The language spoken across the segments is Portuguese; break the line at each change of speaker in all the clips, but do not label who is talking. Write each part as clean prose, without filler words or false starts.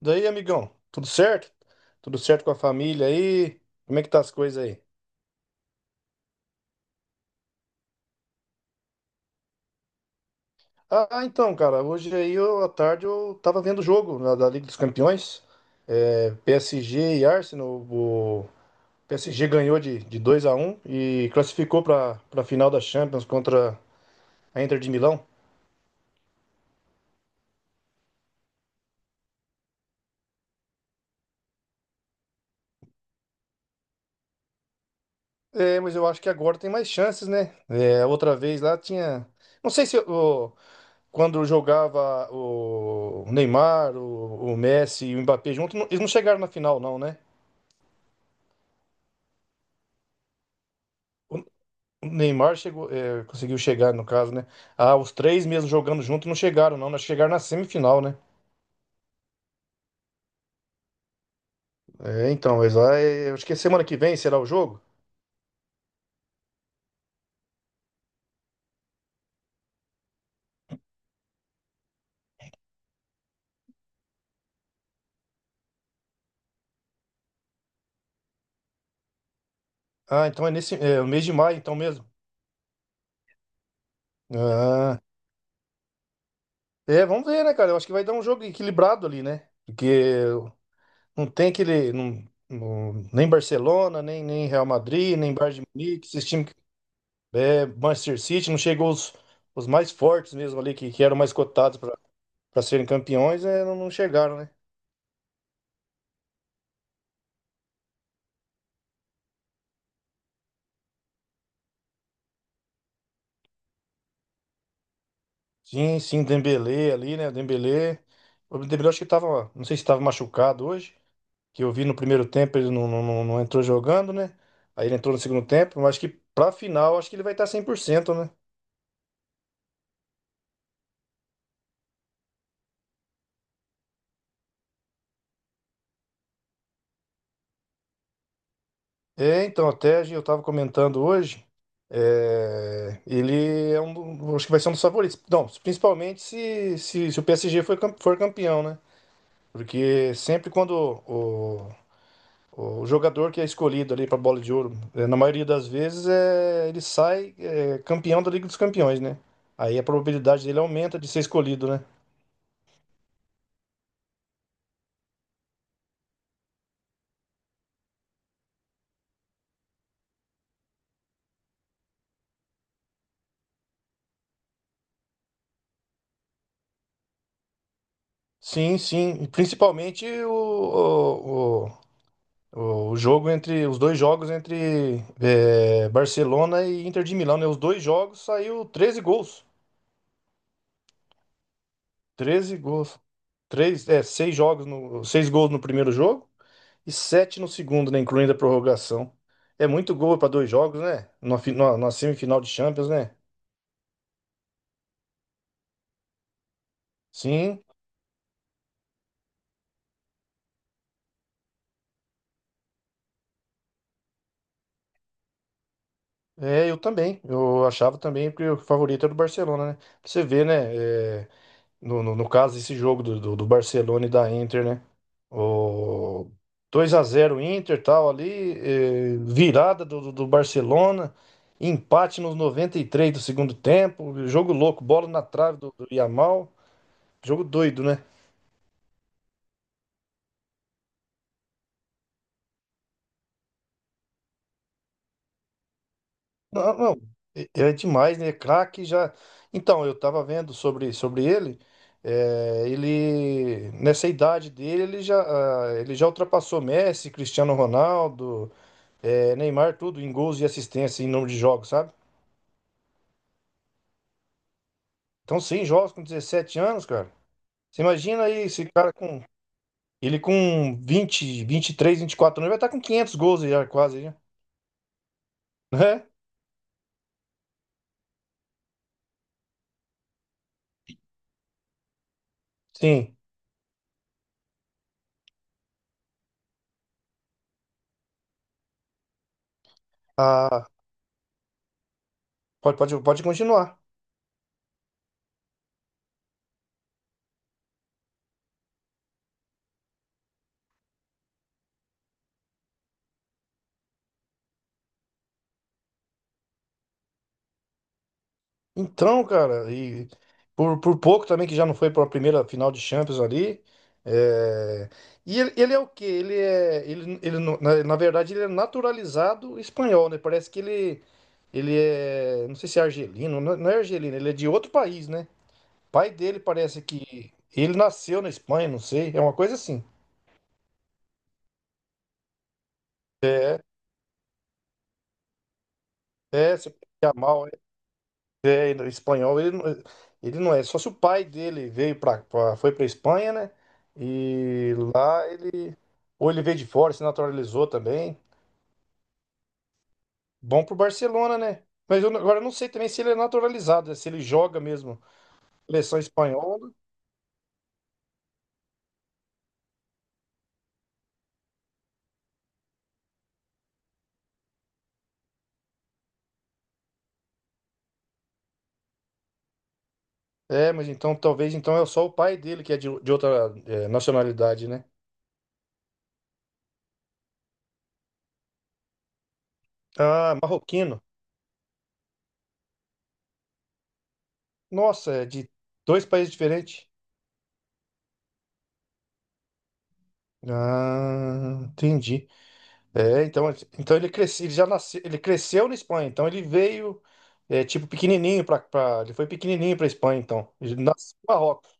Daí, amigão, tudo certo? Tudo certo com a família aí? Como é que tá as coisas aí? Ah, então, cara, hoje aí, eu, à tarde, eu tava vendo o jogo da Liga dos Campeões, é, PSG e Arsenal. O PSG ganhou de 2-1 e classificou pra final da Champions contra a Inter de Milão. É, mas eu acho que agora tem mais chances, né? É, outra vez lá tinha. Não sei se quando jogava o Neymar, o Messi e o Mbappé junto, eles não chegaram na final, não, né? O o Neymar chegou, é, conseguiu chegar, no caso, né? Ah, os três mesmo jogando junto não chegaram, não. Nós chegaram na semifinal, né? É, então, mas lá, é, acho que é semana que vem será o jogo? Ah, então é nesse, é, o mês de maio, então mesmo. Ah, é, vamos ver, né, cara? Eu acho que vai dar um jogo equilibrado ali, né? Porque não tem aquele. Nem Barcelona, nem Real Madrid, nem Bayern de Munique, esses times. É, Manchester City, não chegou os mais fortes mesmo ali, que eram mais cotados para serem campeões, é, não chegaram, né? Sim, sim, Dembélé ali, né? Dembélé. O Dembélé acho que tava, não sei se estava machucado hoje, que eu vi no primeiro tempo ele não entrou jogando, né? Aí ele entrou no segundo tempo, mas acho que pra final acho que ele vai estar 100%, né? É, então, até eu tava comentando hoje, é, ele é acho que vai ser um dos favoritos. Não, principalmente se o PSG for campeão, né? Porque sempre quando o, o jogador que é escolhido ali para bola de ouro, na maioria das vezes, é, ele sai campeão da Liga dos Campeões, né? Aí a probabilidade dele aumenta de ser escolhido, né? Sim, sim. E principalmente o jogo entre os dois jogos entre Barcelona e Inter de Milão, né? Os dois jogos saiu 13 gols. 13 gols. Três, é, seis jogos no, seis gols no primeiro jogo e sete no segundo, né? Incluindo a prorrogação. É muito gol para dois jogos, né? Na semifinal de Champions, né? Sim, é, eu também. Eu achava também que o favorito era o Barcelona, né? Pra você vê, né? É, no caso, esse jogo do Barcelona e da Inter, né? O 2-0 Inter tal ali, é, virada do Barcelona, empate nos 93 do segundo tempo, jogo louco, bola na trave do Yamal, jogo doido, né? Não, não, é demais, né? Craque já. Então, eu tava vendo sobre ele. É, ele, nessa idade dele, ele já ultrapassou Messi, Cristiano Ronaldo, é, Neymar, tudo em gols e assistência em número de jogos, sabe? Então, sim, jogos com 17 anos, cara. Você imagina aí esse cara com. Ele com 20, 23, 24 anos, ele vai estar com 500 gols já, quase, já, né? Sim. Ah, pode continuar. Então, cara, e por pouco também que já não foi para a primeira final de Champions ali. É, e ele é o quê? Ele é. Ele, não- na, na verdade, ele é naturalizado espanhol, né? Parece que ele é. Não sei se é argelino, não não é argelino, ele é de outro país, né? Pai dele parece que ele nasceu na Espanha, não sei. É uma coisa assim. É, se Yamal É, ele- espanhol, ele não é. Só se o pai dele veio foi pra Espanha, né? E lá ele. Ou ele veio de fora, se naturalizou também. Bom pro Barcelona, né? Mas eu, não- agora eu não sei também se ele é naturalizado, né? Se ele joga mesmo. Seleção espanhola. É, mas então talvez então é só o pai dele que é de outra nacionalidade, né? Ah, marroquino. Nossa, é de dois países diferentes. Ah, entendi. É, então, assim, então ele cresceu, ele já nasceu, ele cresceu na Espanha, então ele veio tipo pequenininho para ele foi pequenininho para Espanha, então. Ele nasceu em Marrocos.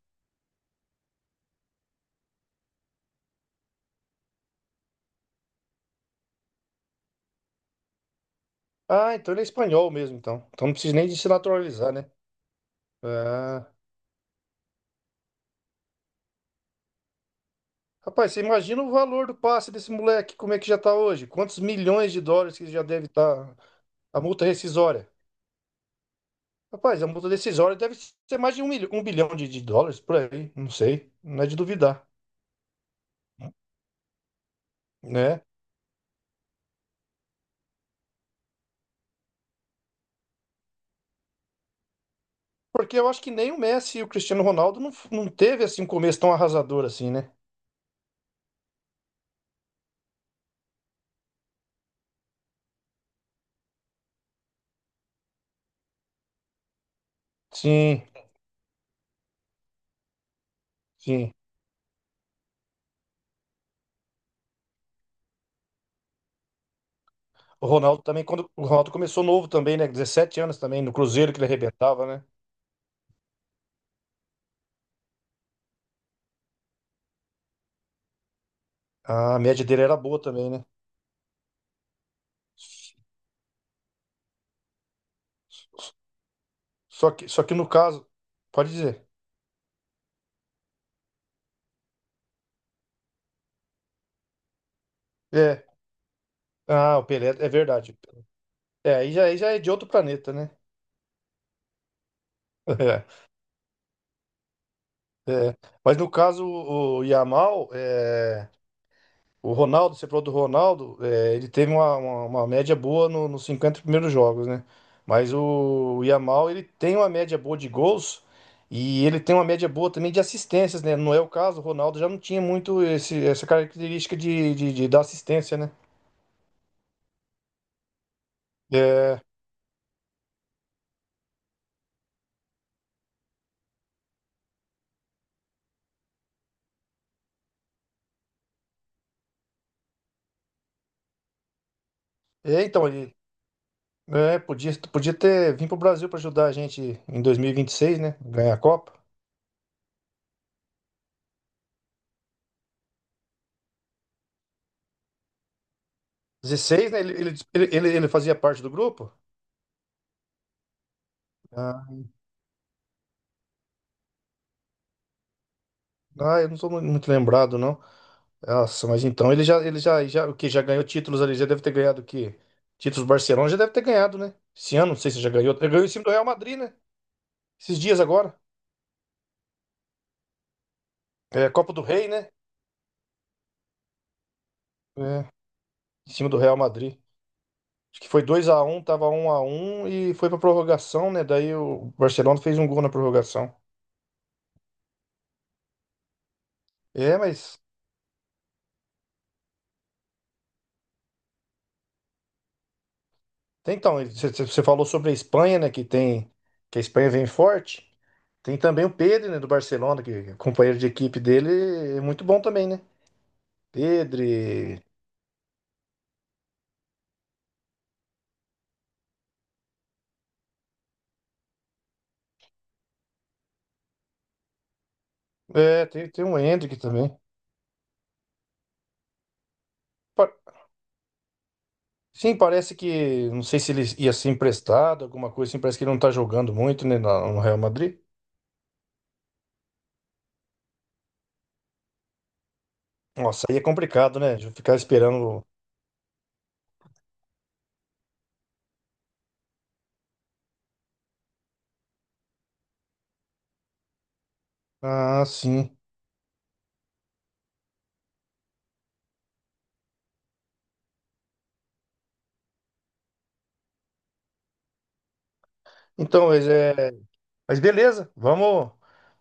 Ah, então ele é espanhol mesmo, então. Então não precisa nem de se naturalizar, né? Ah. Rapaz, você imagina o valor do passe desse moleque, como é que já tá hoje? Quantos milhões de dólares que já deve estar a multa rescisória? Rapaz, a multa rescisória deve ser mais de um bilhão de dólares por aí, não sei, não é de duvidar, né? Porque eu acho que nem o Messi e o Cristiano Ronaldo não teve assim um começo tão arrasador assim, né? Sim, sim. O Ronaldo também, quando o Ronaldo começou novo também, né? 17 anos também, no Cruzeiro que ele arrebentava, né? A média dele era boa também, né? Só que no caso, pode dizer. É. Ah, o Pelé, é verdade. É, aí já é de outro planeta, né? É, é. Mas no caso, o Yamal, é. O Ronaldo, você falou do Ronaldo, é, ele teve uma média boa nos 50 primeiros jogos, né? Mas o Yamal, ele tem uma média boa de gols e ele tem uma média boa também de assistências, né? Não é o caso, o Ronaldo já não tinha muito essa característica de dar assistência, né? É, é, então, podia ter vindo pro Brasil para ajudar a gente em 2026, né? Ganhar a Copa. 16, né? Ele fazia parte do grupo? Ah, Ah, eu não sou muito lembrado, não. Nossa, mas então o que já ganhou títulos ali, já deve ter ganhado o quê? Títulos do Barcelona já deve ter ganhado, né? Esse ano, não sei se já ganhou. Ele ganhou em cima do Real Madrid, né? Esses dias agora. É, Copa do Rei, né? É, em cima do Real Madrid. Acho que foi 2-1, tava 1-1 e foi pra prorrogação, né? Daí o Barcelona fez um gol na prorrogação. É, mas então, você falou sobre a Espanha, né? Que tem que a Espanha vem forte. Tem também o Pedro, né, do Barcelona, que é companheiro de equipe dele, é muito bom também, né? Pedro, e- tem um Endrick também. Pa- Sim, parece que, não sei se ele ia ser emprestado, alguma coisa assim, parece que ele não tá jogando muito, né, no Real Madrid. Nossa, aí é complicado, né? De ficar esperando. Ah, sim. Então, mas, mas beleza, vamos,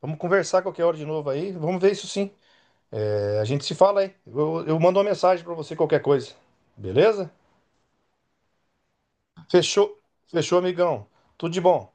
vamos conversar qualquer hora de novo aí, vamos ver isso sim. A gente se fala aí. Eu mando uma mensagem pra você qualquer coisa. Beleza? Fechou, fechou, amigão. Tudo de bom.